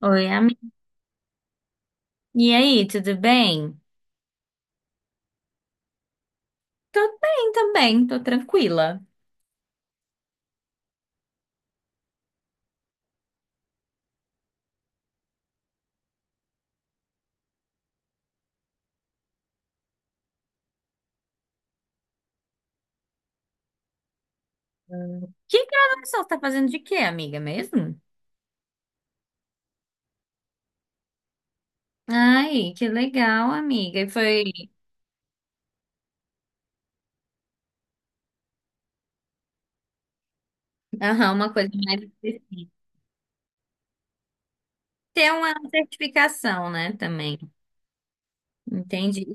Oi, amiga. E aí, tudo bem? Tô bem também, tô tranquila. Que gravação você tá fazendo de quê, amiga, mesmo? Ai, que legal, amiga. E foi, aham, uma coisa mais... Ter uma certificação, né, também. Entendi.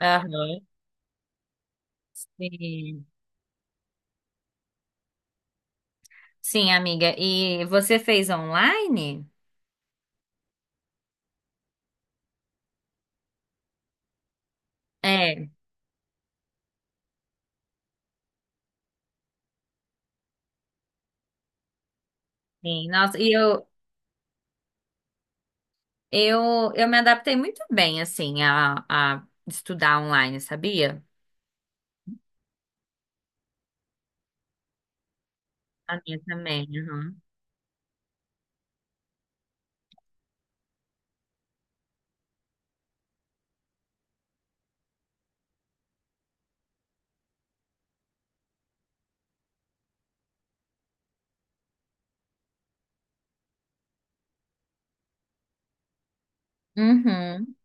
Aham, sim. Sim, amiga. E você fez online? É, sim. Nossa, e eu me adaptei muito bem, assim, a estudar online, sabia? A minha também, aham. Uhum.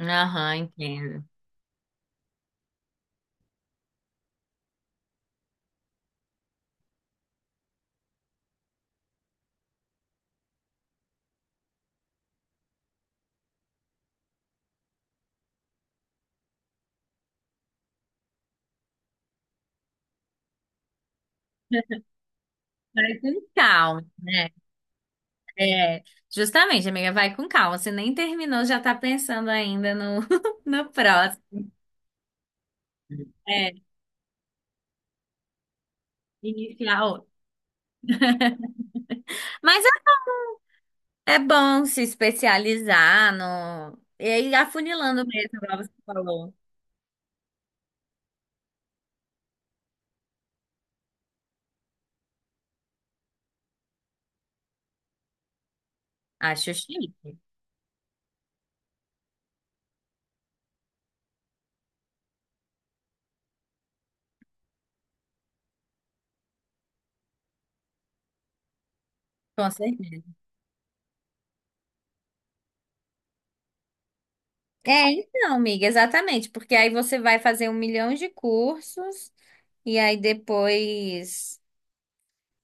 Aham, entendo. Vai com calma, né? É, justamente, amiga, vai com calma. Você nem terminou, já tá pensando ainda no, no próximo. É, iniciar outro. Mas é, é bom se especializar no. E aí, afunilando mesmo, igual você falou. Acho chique, com certeza. É, então, amiga, exatamente, porque aí você vai fazer um milhão de cursos e aí depois.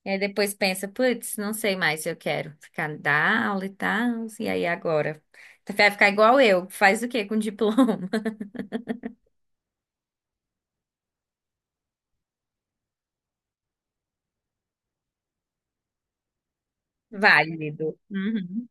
E aí depois pensa, putz, não sei mais se eu quero ficar dar aula e tal. E aí agora? Tu vai ficar igual eu, faz o quê com diploma? Válido. Uhum.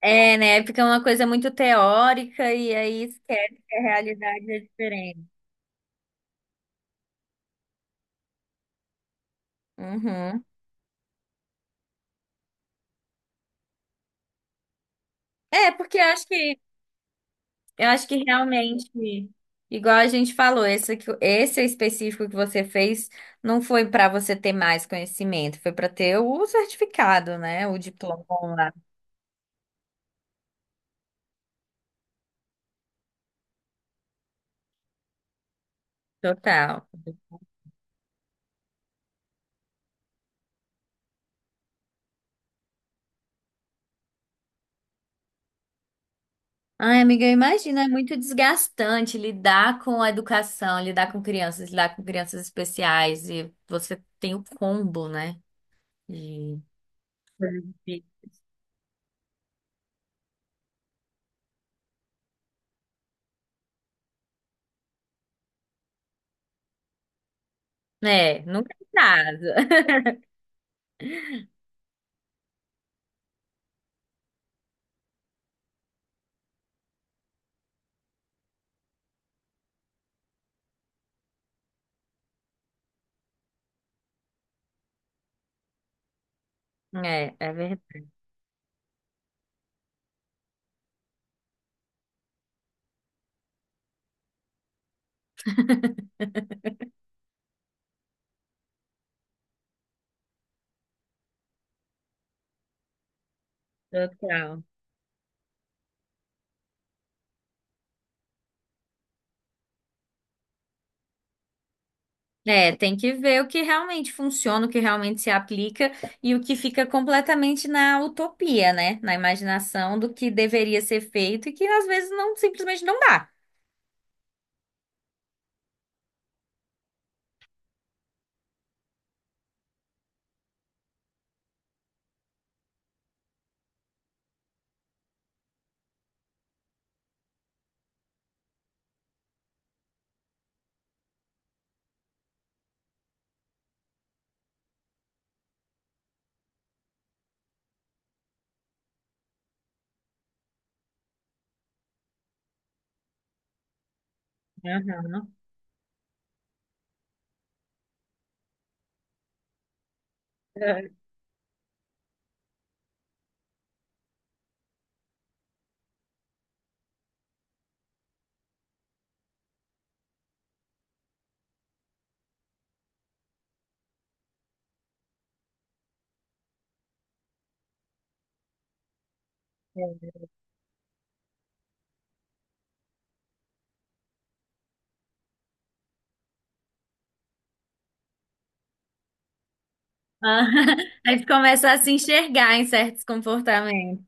É, né? Fica uma coisa muito teórica e aí esquece que a realidade é diferente. Uhum. É, porque eu acho que realmente, igual a gente falou, esse, aqui- esse específico que você fez não foi para você ter mais conhecimento, foi para ter o certificado, né? O diploma lá. Total. Ai, amiga, eu imagino, é muito desgastante lidar com a educação, lidar com crianças especiais, e você tem o combo, né? De- é, nunca é casa. É, é verdade. Total. É, tem que ver o que realmente funciona, o que realmente se aplica e o que fica completamente na utopia, né? Na imaginação do que deveria ser feito e que às vezes não simplesmente não dá. Aham. Ah, a gente começa a se enxergar em certos comportamentos.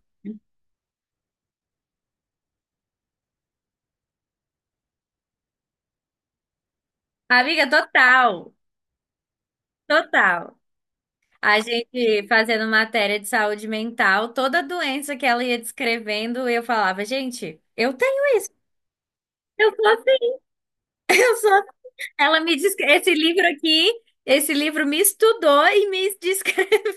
Amiga, total, total. A gente fazendo matéria de saúde mental, toda doença que ela ia descrevendo, eu falava, gente, eu tenho, eu sou assim, eu sou. Assim." Ela me descreve, esse livro aqui, esse livro me estudou e me descreveu.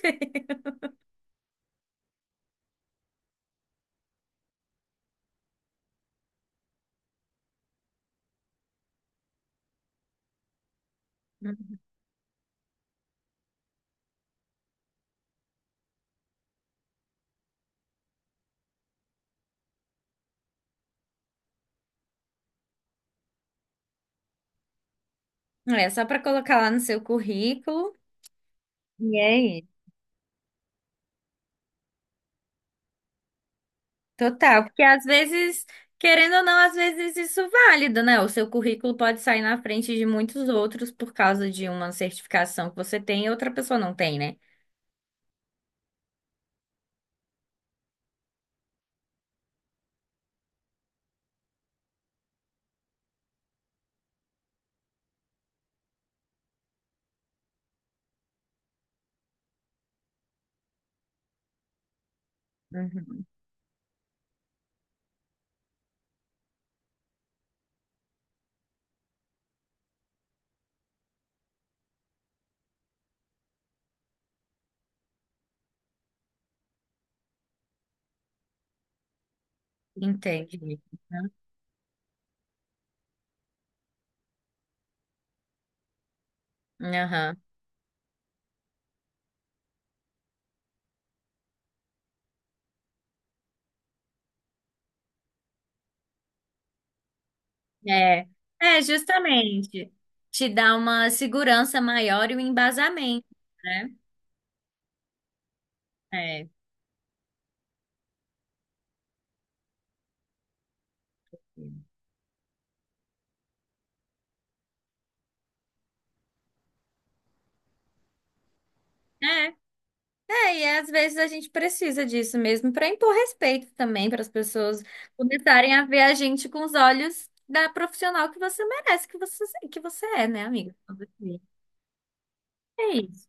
É só para colocar lá no seu currículo. E aí? Total, porque às vezes, querendo ou não, às vezes isso é válido, né? O seu currículo pode sair na frente de muitos outros por causa de uma certificação que você tem e outra pessoa não tem, né? Uhum. Entendi. Uhum. Aham. É, é justamente te dá uma segurança maior e um embasamento, né? É. É. É, e às vezes a gente precisa disso mesmo para impor respeito também, para as pessoas começarem a ver a gente com os olhos da profissional que você merece, que você é, né, amiga? É isso.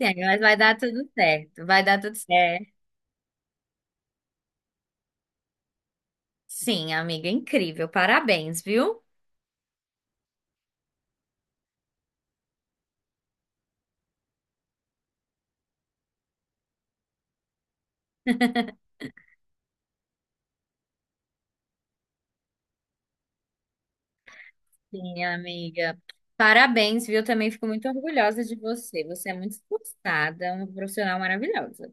Sim, mas vai dar tudo certo. Vai dar tudo certo. Sim, amiga, incrível. Parabéns, viu? Sim, amiga. Parabéns, viu? Também fico muito orgulhosa de você. Você é muito esforçada, uma profissional maravilhosa.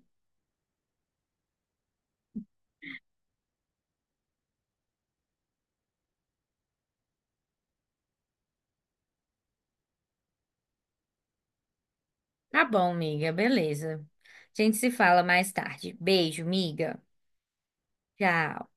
Tá bom, amiga, beleza. A gente se fala mais tarde. Beijo, amiga. Tchau.